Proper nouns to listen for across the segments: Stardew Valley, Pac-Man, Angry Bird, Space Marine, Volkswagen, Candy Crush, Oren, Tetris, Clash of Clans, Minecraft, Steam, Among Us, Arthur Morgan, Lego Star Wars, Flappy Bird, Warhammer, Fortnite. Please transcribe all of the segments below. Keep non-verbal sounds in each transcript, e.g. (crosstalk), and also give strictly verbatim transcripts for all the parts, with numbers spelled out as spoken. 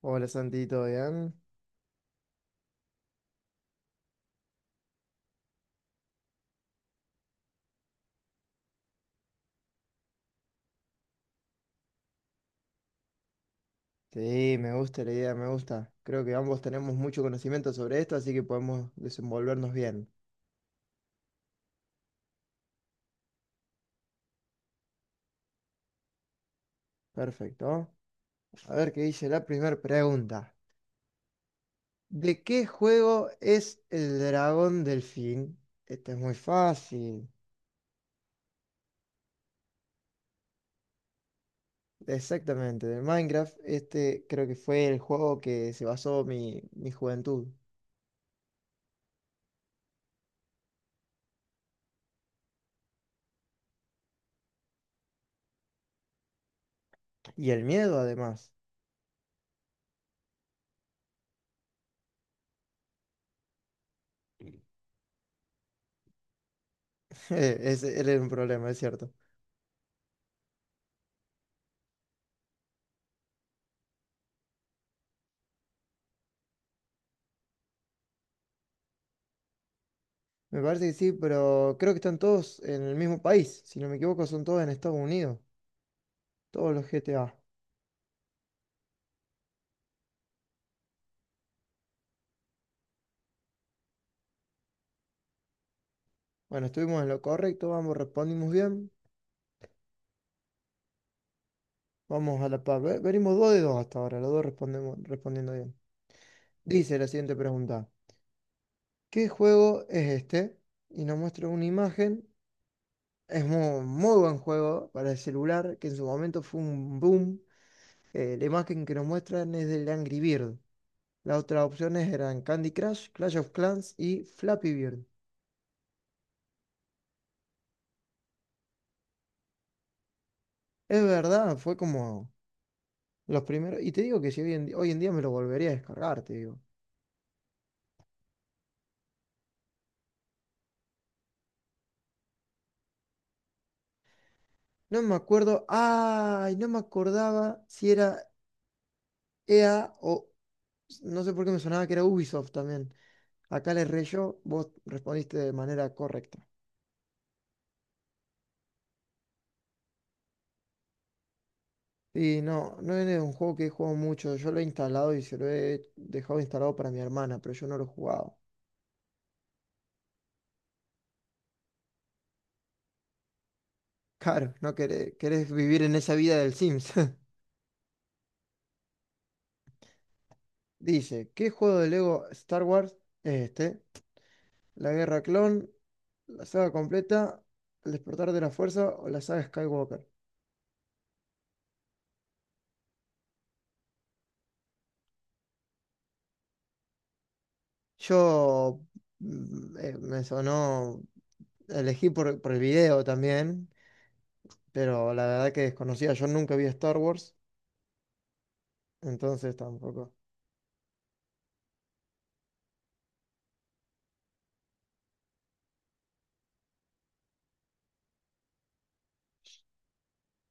Hola Santi, ¿todo bien? Sí, me gusta la idea, me gusta. Creo que ambos tenemos mucho conocimiento sobre esto, así que podemos desenvolvernos bien. Perfecto. A ver qué dice la primera pregunta. ¿De qué juego es el dragón delfín? Este es muy fácil. Exactamente, de Minecraft. Este creo que fue el juego que se basó mi, mi juventud. Y el miedo, además. (laughs) Ese era un problema, es cierto. Me parece que sí, pero creo que están todos en el mismo país. Si no me equivoco, son todos en Estados Unidos. Todos los G T A. Bueno, estuvimos en lo correcto, vamos respondimos bien. Vamos a la par. Ve- Venimos dos de dos hasta ahora, los dos respondemos, respondiendo bien. Dice la siguiente pregunta. ¿Qué juego es este? Y nos muestra una imagen. Es muy, muy buen juego para el celular, que en su momento fue un boom. Eh, la imagen que nos muestran es del Angry Bird. Las otras opciones eran Candy Crush, Clash of Clans y Flappy Bird. Es verdad, fue como los primeros. Y te digo que si hoy en, di- hoy en día me lo volvería a descargar, te digo. No me acuerdo. ¡Ay! No me acordaba si era E A o. No sé por qué me sonaba que era Ubisoft también. Acá le erré yo, vos respondiste de manera correcta. Y no, no es un juego que he jugado mucho. Yo lo he instalado y se lo he dejado instalado para mi hermana, pero yo no lo he jugado. Claro, no querés, querés vivir en esa vida del Sims. (laughs) Dice, ¿qué juego de Lego Star Wars es este? La Guerra Clon. La saga completa, el despertar de la fuerza o la saga Skywalker. Yo mm, eh, me sonó, elegí por, por el video también, pero la verdad que desconocía, yo nunca vi Star Wars, entonces tampoco.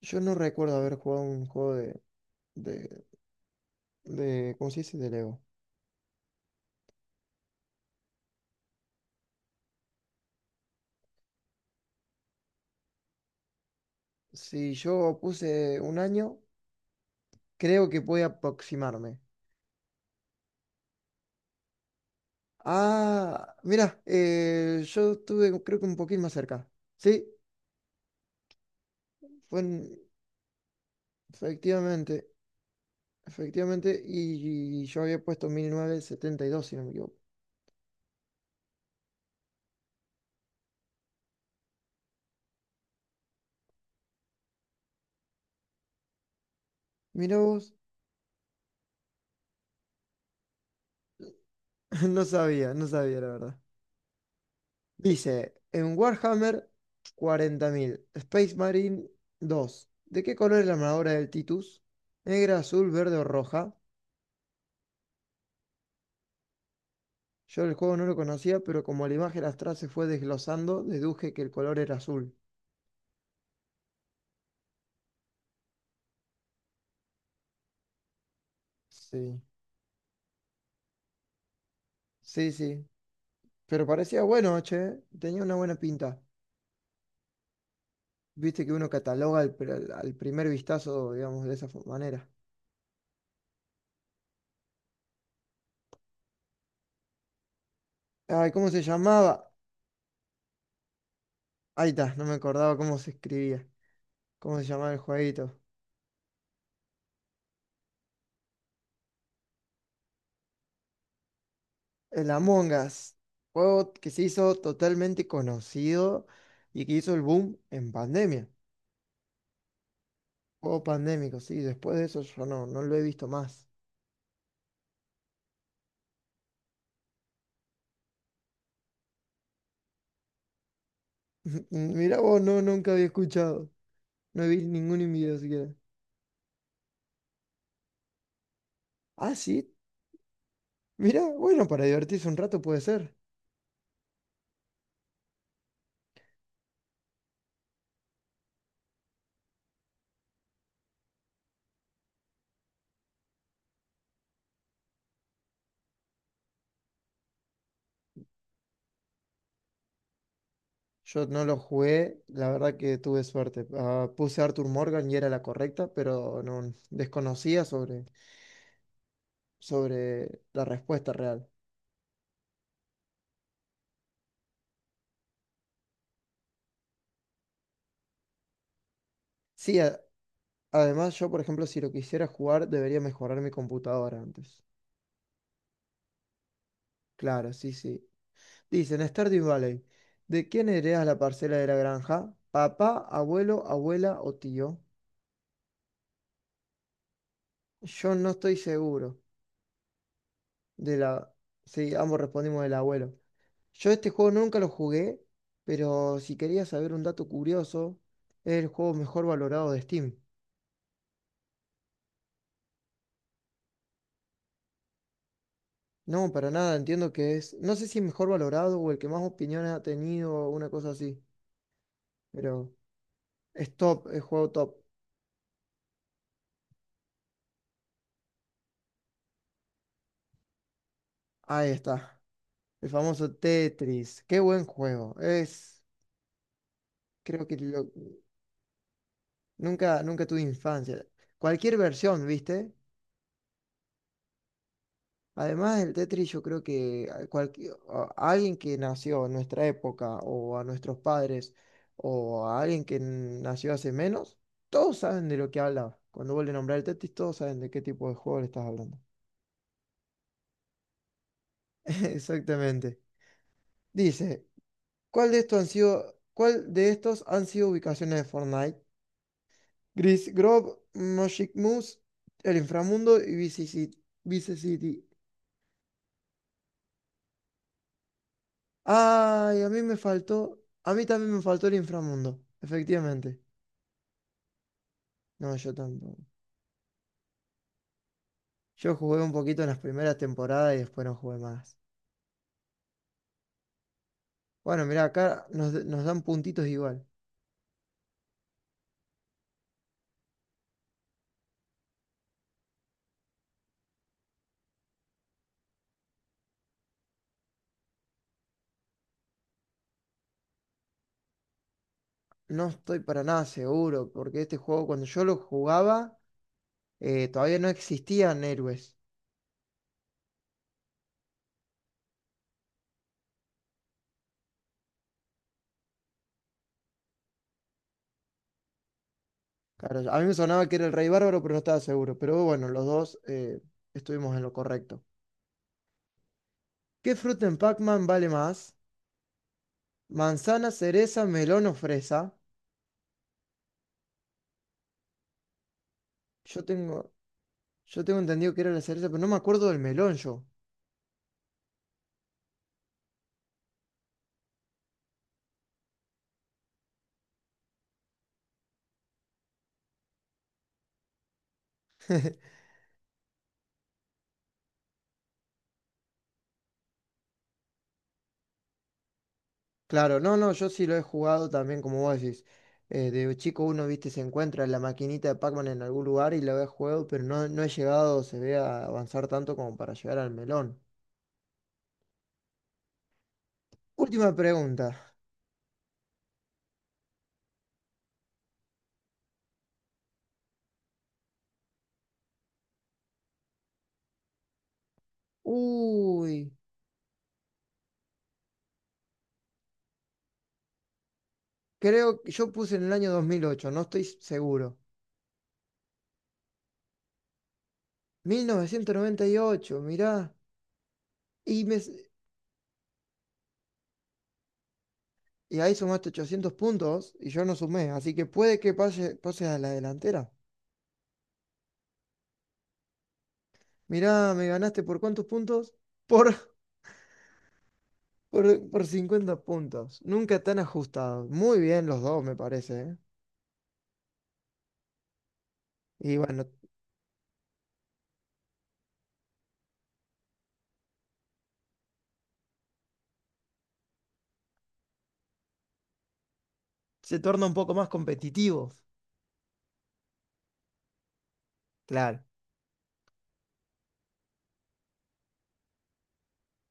Yo no recuerdo haber jugado un juego de, de, de ¿cómo se dice? De Lego. Si yo puse un año, creo que puede aproximarme. Ah, mira, eh, yo estuve creo que un poquito más cerca. Sí, fue en- Efectivamente, Efectivamente, y, yo había puesto mil novecientos setenta y dos si no me equivoco. Mirá vos, (laughs) no sabía, no sabía la verdad. Dice, en Warhammer cuarenta mil Space Marine dos, ¿de qué color es la armadura del Titus? ¿Negra, azul, verde o roja? Yo el juego no lo conocía, pero como la imagen astral se fue desglosando, deduje que el color era azul. Sí, sí, sí. Pero parecía bueno, che, tenía una buena pinta. Viste que uno cataloga al, pr- al al primer vistazo, digamos, de esa fo- manera. Ay, ¿cómo se llamaba? Ahí está, no me acordaba cómo se escribía. ¿Cómo se llamaba el jueguito? El Among Us. Juego que se hizo totalmente conocido y que hizo el boom en pandemia. Juego pandémico, sí. Después de eso yo no, no lo he visto más. (laughs) Mirá vos, no, nunca había escuchado. No he visto ningún video siquiera. Ah, sí. Mirá, bueno, para divertirse un rato puede ser. Yo no lo jugué, la verdad que tuve suerte. Ah, puse Arthur Morgan y era la correcta, pero no desconocía sobre, sobre la respuesta real. Sí, a- además yo, por ejemplo, si lo quisiera jugar, debería mejorar mi computadora antes. Claro, sí, sí. Dicen, Stardew Valley, ¿de quién heredas la parcela de la granja? ¿Papá, abuelo, abuela o tío? Yo no estoy seguro. De la... Sí, ambos respondimos del abuelo. Yo este juego nunca lo jugué, pero si querías saber un dato curioso, es el juego mejor valorado de Steam. No, para nada, entiendo que es, no sé si mejor valorado o el que más opiniones ha tenido o una cosa así, pero es top, es juego top. Ahí está, el famoso Tetris. Qué buen juego. Es, creo que lo- nunca, nunca tuve infancia. Cualquier versión, ¿viste? Además del Tetris, yo creo que a cualqui- a- a alguien que nació en nuestra época, o a nuestros padres, o a alguien que n- nació hace menos, todos saben de lo que habla. Cuando vuelve a nombrar el Tetris, todos saben de qué tipo de juego le estás hablando. (laughs) Exactamente. Dice, ¿cuál de estos han sido, cuál de estos han sido ubicaciones de Fortnite? Gris Grove, Magic Moose, el Inframundo y Vice City. Ay, a mí me faltó, a mí también me faltó el inframundo, efectivamente. No, yo tampoco. Yo jugué un poquito en las primeras temporadas y después no jugué más. Bueno, mirá, acá nos, nos dan puntitos igual. No estoy para nada seguro, porque este juego cuando yo lo jugaba, eh, todavía no existían héroes. Claro, a mí me sonaba que era el Rey Bárbaro, pero no estaba seguro. Pero bueno, los dos eh, estuvimos en lo correcto. ¿Qué fruta en Pac-Man vale más? ¿Manzana, cereza, melón o fresa? Yo tengo. Yo tengo entendido que era la cereza, pero no me acuerdo del melón yo. (laughs) Claro, no, no, yo sí lo he jugado también, como vos decís. Eh, de chico uno, viste, se encuentra la maquinita de Pac-Man en algún lugar y la he jugado, pero no, no he llegado, se ve, a avanzar tanto como para llegar al melón. Última pregunta. Uy, creo que yo puse en el año dos mil ocho, no estoy seguro. mil novecientos noventa y ocho, mirá. Y, me, s- y ahí sumaste ochocientos puntos y yo no sumé, así que puede que pase, pase a la delantera. Mirá, ¿me ganaste por cuántos puntos? Por, (laughs) por, por cincuenta puntos. Nunca tan ajustado. Muy bien los dos, me parece, ¿eh? Y bueno, se torna un poco más competitivo. Claro.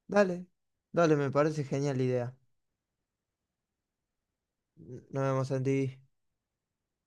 Dale, dale, me parece genial la idea. Nos vemos en T V.